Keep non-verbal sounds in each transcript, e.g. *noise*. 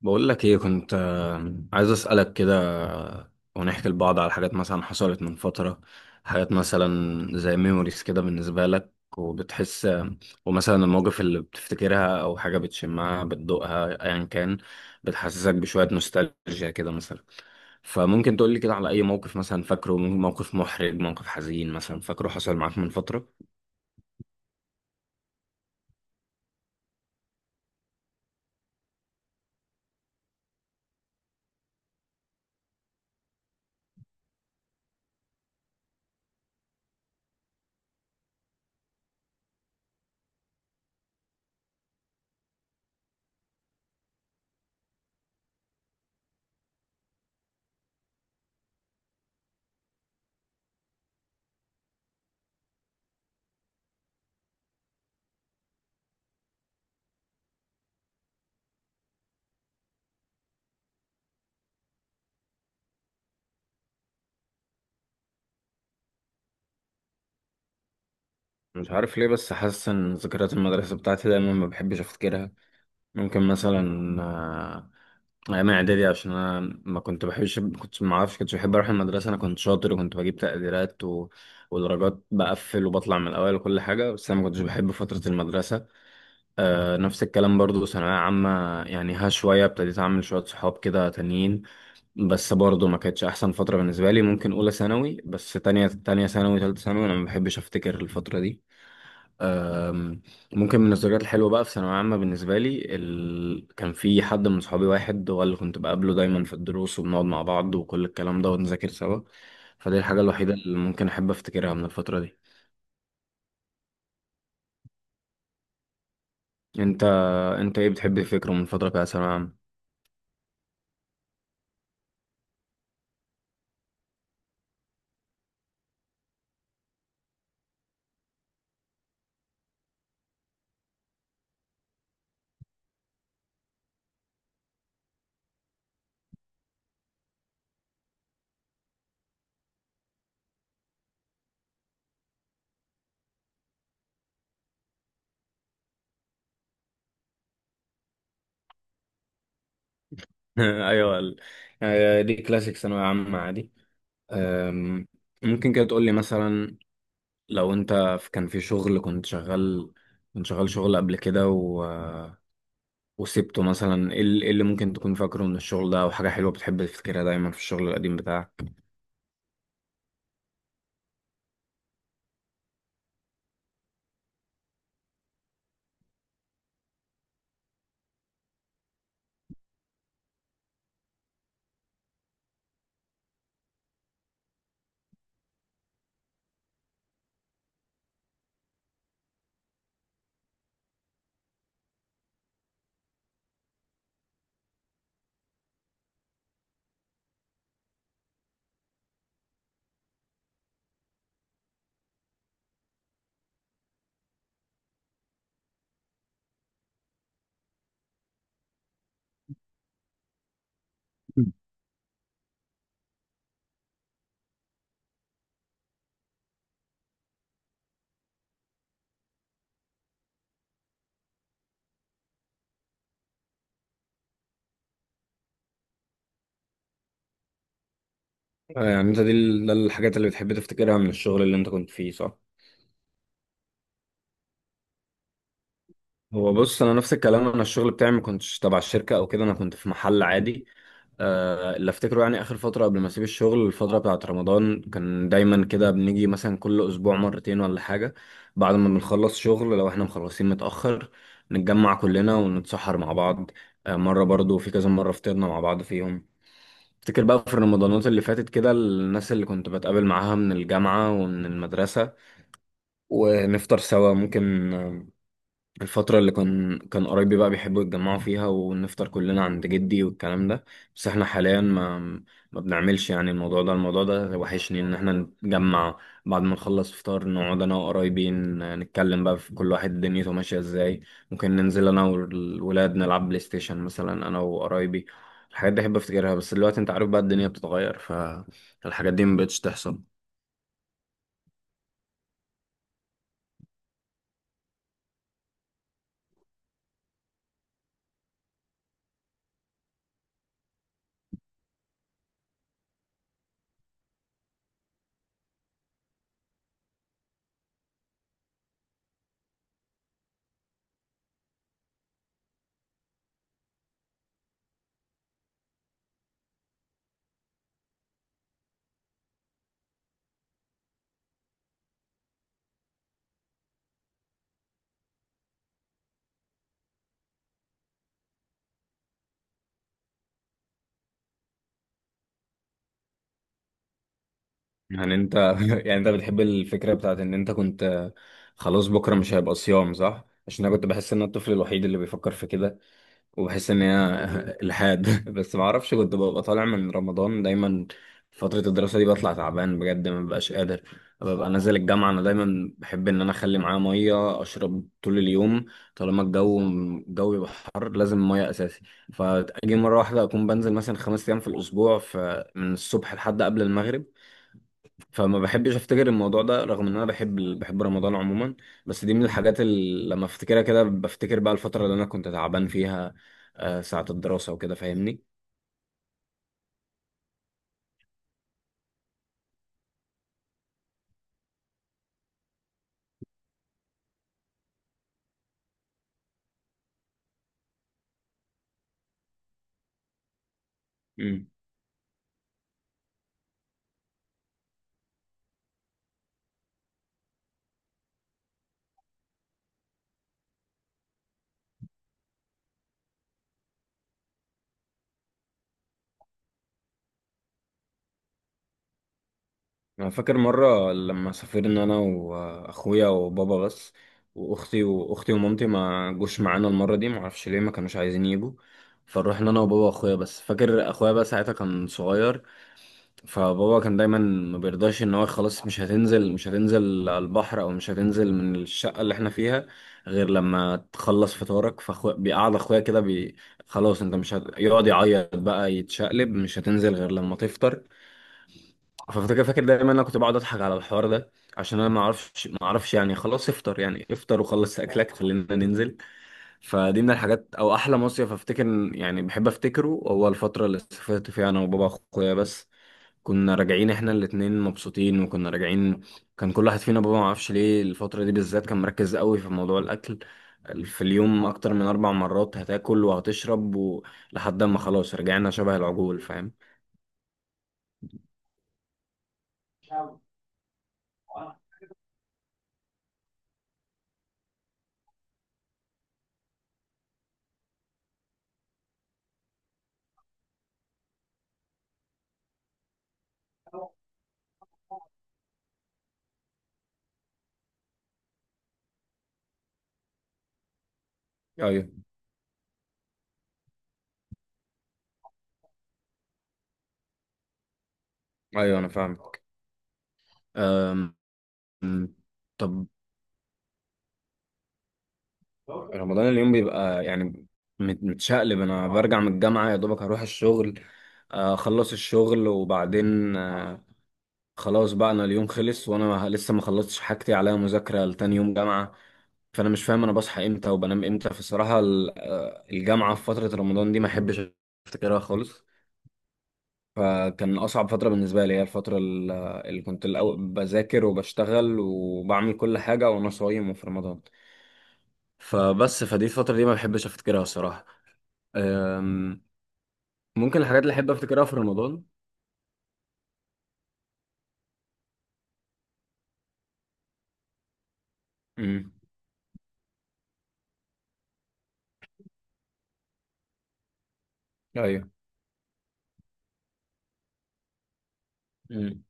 بقول لك ايه؟ كنت عايز اسالك كده. ونحكي لبعض على حاجات مثلا حصلت من فتره. حاجات مثلا، زي ميموريز كده بالنسبه لك، وبتحس ومثلا المواقف اللي بتفتكرها او حاجه بتشمها بتدوقها ايا كان، بتحسسك بشويه نوستالجيا كده مثلا. فممكن تقول لي كده على اي موقف مثلا فاكره، موقف محرج، موقف حزين مثلا فاكره حصل معاك من فتره. مش عارف ليه بس حاسس ان ذكريات المدرسه بتاعتي دايما ما بحبش افتكرها. ممكن مثلا ايام اعدادي. عشان انا ما كنت بحبش، كنت ما اعرفش، كنتش بحب اروح المدرسه. انا كنت شاطر وكنت بجيب تقديرات ودرجات، بقفل وبطلع من الاول وكل حاجه، بس انا ما كنتش بحب فتره المدرسه. نفس الكلام برضو، ثانويه عامه. يعني ها، شويه ابتديت اعمل شويه صحاب كده تانيين، بس برضو ما كانتش احسن فتره بالنسبه لي. ممكن اولى ثانوي، بس تانية ثانوي، تالتة ثانوي انا ما بحبش افتكر الفتره دي. أم، ممكن من الذكريات الحلوة بقى في ثانوية عامة بالنسبة لي، كان في حد من صحابي، واحد هو اللي كنت بقابله دايما في الدروس، وبنقعد مع بعض وكل الكلام ده ونذاكر سوا. فدي الحاجة الوحيدة اللي ممكن أحب أفتكرها من الفترة دي. أنت أنت إيه بتحب تفكره من الفترة بتاعت ثانوية عامة؟ *laughs* أيوه دي كلاسيك ثانوية عامة عادي. أم، ممكن كده تقولي مثلا، لو أنت كان في شغل كنت شغال شغل قبل كده وسبته مثلا، إيه اللي ممكن تكون فاكره من الشغل ده او حاجه حلوه بتحب تفتكرها دايما في الشغل القديم بتاعك؟ يعني انت ده الحاجات اللي بتحب تفتكرها من الشغل اللي انت كنت فيه، صح؟ هو بص، انا نفس الكلام. انا الشغل بتاعي ما كنتش تبع الشركه او كده، انا كنت في محل عادي. اللي افتكره يعني اخر فتره قبل ما اسيب الشغل، الفتره بتاعه رمضان، كان دايما كده بنيجي مثلا كل اسبوع مرتين ولا حاجه، بعد ما بنخلص شغل لو احنا مخلصين متاخر، نتجمع كلنا ونتسحر مع بعض. مره برضو في كذا مره فطرنا مع بعض فيهم. افتكر بقى في رمضانات اللي فاتت كده، الناس اللي كنت بتقابل معاها من الجامعة ومن المدرسة ونفطر سوا. ممكن الفترة اللي كان كان قرايبي بقى بيحبوا يتجمعوا فيها ونفطر كلنا عند جدي والكلام ده. بس احنا حاليا ما بنعملش يعني الموضوع ده وحشني ان احنا نتجمع. بعد ما نخلص فطار، نقعد انا وقرايبي نتكلم بقى في كل واحد دنيته ماشية ازاي. ممكن ننزل انا والولاد نلعب بلاي ستيشن مثلا، انا وقرايبي. الحاجات دي احب افتكرها، بس دلوقتي انت عارف بقى، الدنيا بتتغير، فالحاجات دي مبقتش تحصل. يعني انت *laughs* يعني انت بتحب الفكرة بتاعت ان انت كنت خلاص بكرة مش هيبقى صيام، صح؟ عشان انا كنت بحس ان انا الطفل الوحيد اللي بيفكر في كده، وبحس ان هي *laughs* الحاد *laughs* بس ما اعرفش، كنت ببقى طالع من رمضان دايما فترة الدراسة دي بطلع تعبان بجد، ما ببقاش قادر. ببقى نازل الجامعة، انا دايما بحب ان انا اخلي معايا مية اشرب طول اليوم. طالما الجو يبقى حر لازم مية اساسي. فاجي مرة واحدة اكون بنزل مثلا 5 ايام في الاسبوع، فمن الصبح لحد قبل المغرب. فما بحبش افتكر الموضوع ده رغم ان انا بحب بحب رمضان عموما. بس دي من الحاجات اللي لما افتكرها كده بفتكر بقى الفترة اللي انا كنت تعبان فيها، ساعة الدراسة وكده فاهمني. امم انا فاكر مرة لما سافرنا انا واخويا وبابا بس، واختي، واختي ومامتي ما جوش معانا المرة دي، ما اعرفش ليه، ما كانوش عايزين يجوا. فروحنا انا وبابا واخويا بس. فاكر اخويا بقى ساعتها كان صغير، فبابا كان دايما ما بيرضاش، ان هو خلاص مش هتنزل، مش هتنزل على البحر او مش هتنزل من الشقه اللي احنا فيها غير لما تخلص فطارك. بيقعد اخويا كده خلاص انت مش هت... يقعد يعيط بقى، يتشقلب، مش هتنزل غير لما تفطر. ففاكر دايما، انا كنت بقعد اضحك على الحوار ده، عشان انا ما اعرفش يعني خلاص افطر، يعني افطر وخلص اكلك خلينا ننزل. فدي من الحاجات، او احلى مصيف افتكر، يعني بحب افتكره، هو الفتره اللي سافرت فيها انا وبابا واخويا بس. كنا راجعين احنا الاتنين مبسوطين، وكنا راجعين كان كل واحد فينا، بابا ما اعرفش ليه الفترة دي بالذات كان مركز قوي في موضوع الاكل، في اليوم اكتر من 4 مرات هتاكل وهتشرب لحد ما خلاص رجعنا شبه العجول، فاهم. ايوه، ايوه، انا فاهمك. أمم، طب، رمضان اليوم بيبقى يعني متشقلب. انا برجع من الجامعة يا دوبك هروح الشغل، اخلص الشغل وبعدين خلاص بقى انا اليوم خلص وانا لسه ما خلصتش حاجتي، عليا مذاكره لتاني يوم جامعه. فانا مش فاهم انا بصحى امتى وبنام امتى. فالصراحه الجامعه في فتره رمضان دي ما احبش افتكرها خالص. فكان اصعب فتره بالنسبه لي هي الفتره اللي كنت الأول بذاكر وبشتغل وبعمل كل حاجه وانا صايم وفي رمضان. فبس فدي الفتره دي ما بحبش افتكرها الصراحه. أم، ممكن الحاجات اللي احب افتكرها في رمضان. امم، ايوه، امم،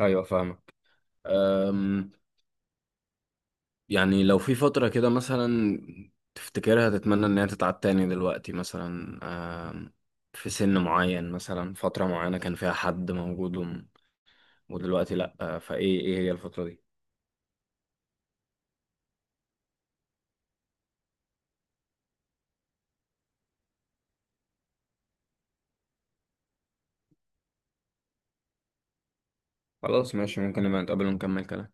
ايوه، فاهمك. أم، يعني لو في فترة كده مثلا تفتكرها تتمنى إن هي تتعاد تاني دلوقتي مثلا، آم، في سن معين مثلا، فترة معينة كان فيها حد موجود، ودلوقتي لأ، فإيه هي الفترة دي؟ خلاص ماشي، ممكن نبقى نتقابل ونكمل كلام.